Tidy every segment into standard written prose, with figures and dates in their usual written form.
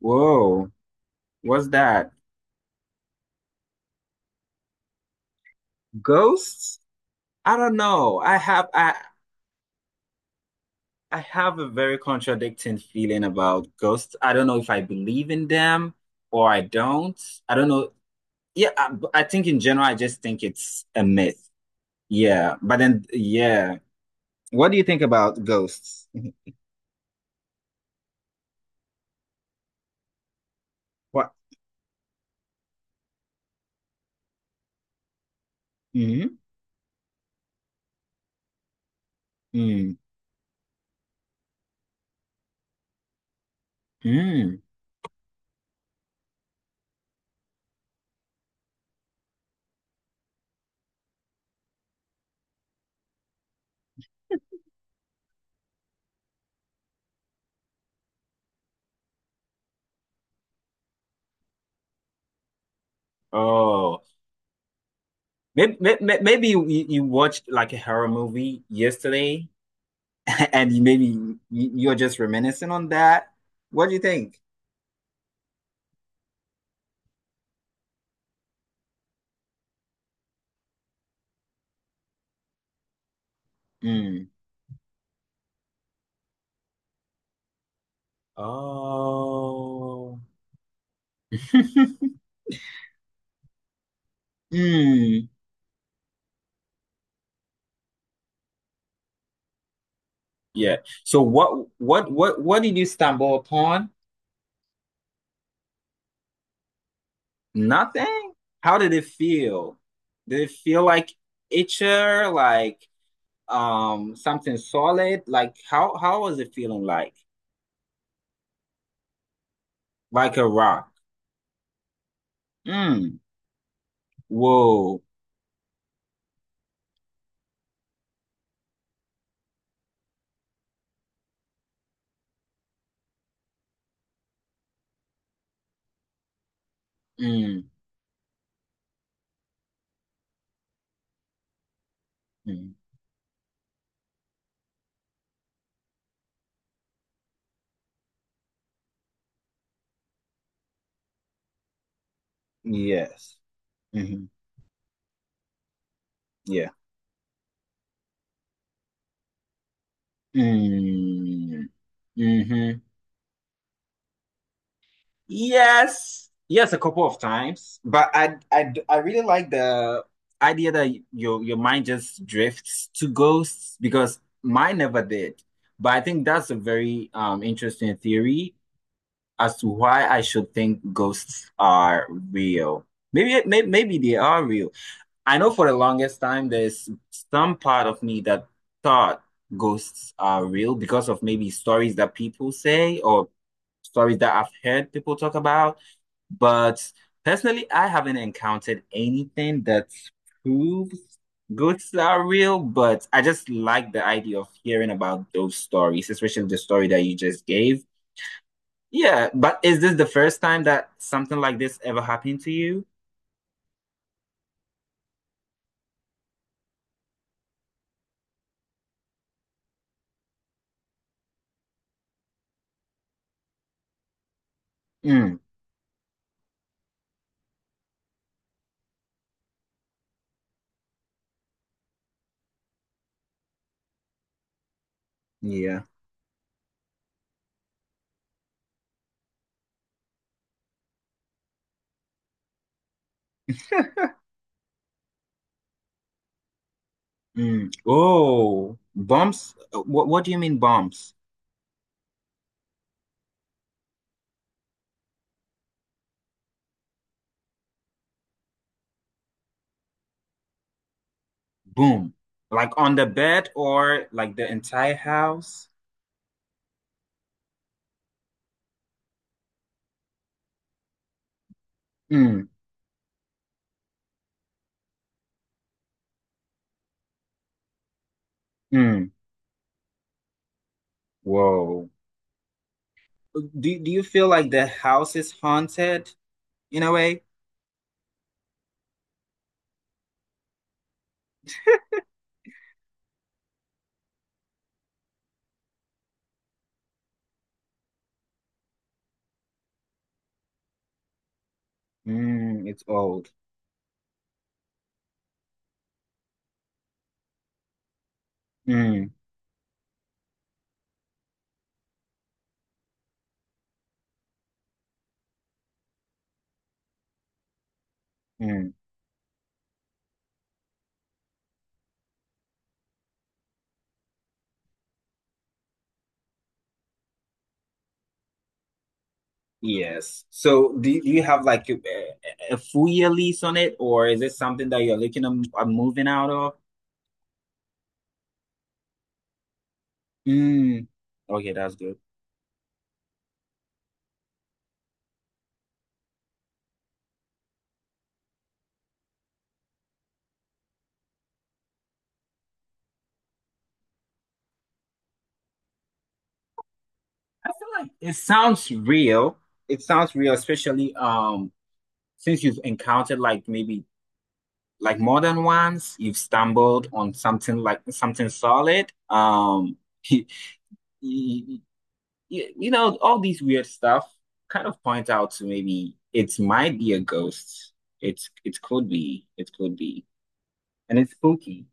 Whoa, what's that? Ghosts? I don't know. I have a very contradicting feeling about ghosts. I don't know if I believe in them or I don't. I don't know. Yeah, but I think in general I just think it's a myth. Yeah, but then yeah. What do you think about ghosts? What? Mm, mm, mm. Oh, maybe you watched like a horror movie yesterday and you are just reminiscing on that. What do you think? Mm. Oh, Mm. Yeah. So what did you stumble upon? Nothing? How did it feel? Did it feel like itcher, like something solid? Like how was it feeling like? Like a rock. Mm. Whoa. Mm. Mm. Yes. Hmm. Yeah. Mm. Mm-hmm. Yes. Yes, a couple of times. But I really like the idea that your mind just drifts to ghosts because mine never did. But I think that's a very interesting theory as to why I should think ghosts are real. Maybe they are real. I know for the longest time there's some part of me that thought ghosts are real because of maybe stories that people say or stories that I've heard people talk about. But personally, I haven't encountered anything that proves ghosts are real. But I just like the idea of hearing about those stories, especially the story that you just gave. Yeah, but is this the first time that something like this ever happened to you? Mm, yeah. Mm. Oh, bumps. What do you mean bumps? Boom. Like on the bed or like the entire house? Mm. Mm. Whoa. Do you feel like the house is haunted in a way? Mm, it's old. Mm. Mm. Yes. So do you have like a full year lease on it or is it something that you're looking at moving out of? Mm. Okay, that's good. I feel like it sounds real. It sounds real, especially since you've encountered like maybe like more than once, you've stumbled on something like something solid. You, you, you know, all these weird stuff kind of point out to maybe it might be a ghost. It could be, it could be, and it's spooky.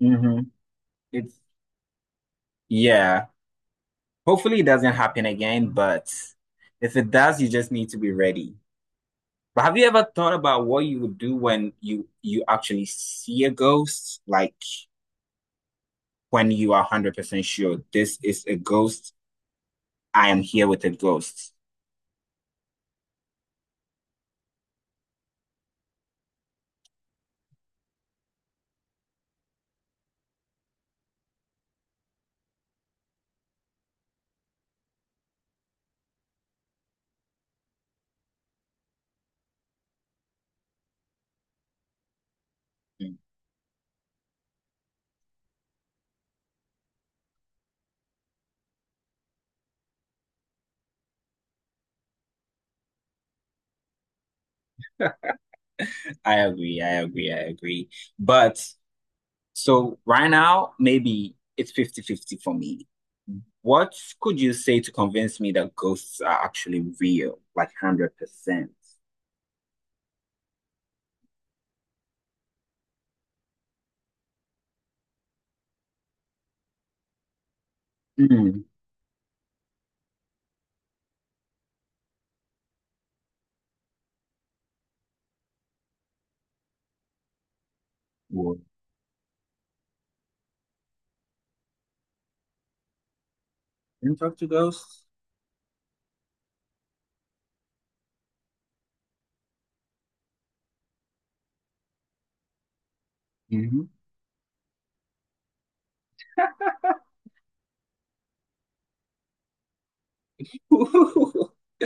Hmm. It's Yeah. Hopefully, it doesn't happen again, but if it does, you just need to be ready. But have you ever thought about what you would do when you actually see a ghost? Like when you are 100% sure this is a ghost, I am here with a ghost. Mm, I agree, I agree, I agree. But so right now, maybe it's fifty-fifty for me. What could you say to convince me that ghosts are actually real, like 100%? Mm. Well, can you talk to ghosts? Mhm.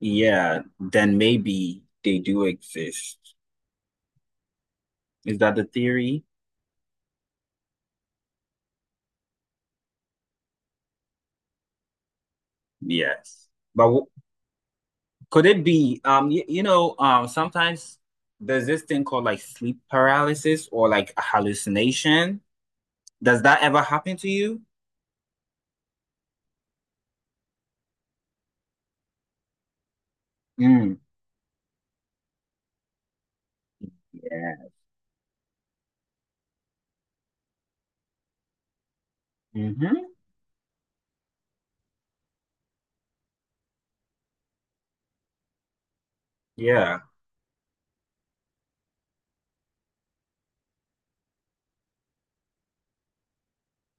Yeah, then maybe they do exist. Is that the theory? Yes. But w could it be, sometimes there's this thing called like sleep paralysis or like a hallucination. Does that ever happen to you? Mm, yeah. Mm-hmm. Yeah.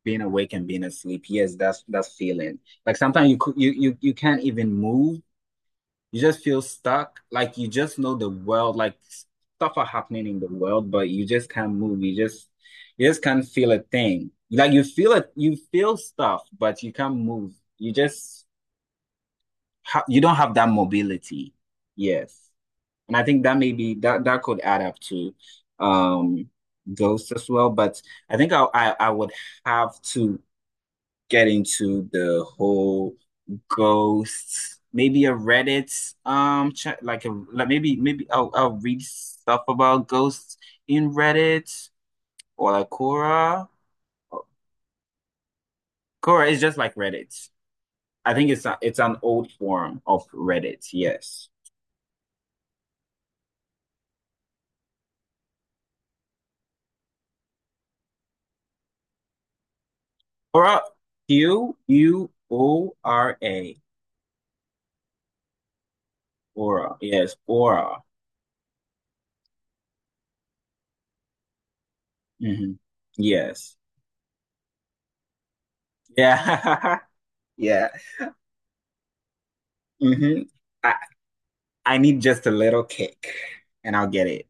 Being awake and being asleep. Yes, that's feeling. Like sometimes you can't even move. You just feel stuck. Like you just know the world, like stuff are happening in the world, but you just can't move. You just can't feel a thing. Like you feel it, you feel stuff, but you can't move. You just ha you don't have that mobility. Yes. And I think that maybe that could add up to um ghosts as well. But I think I would have to get into the whole ghosts, maybe a Reddit chat, like a like maybe I'll read stuff about ghosts in Reddit or like Quora. Quora is just like Reddit. I think it's an old form of Reddit. Yes, Quora, Q U O R A, Quora. Yes, Quora. Hmm. Yes. Yeah. Yeah. Hmm. I need just a little kick and I'll get it.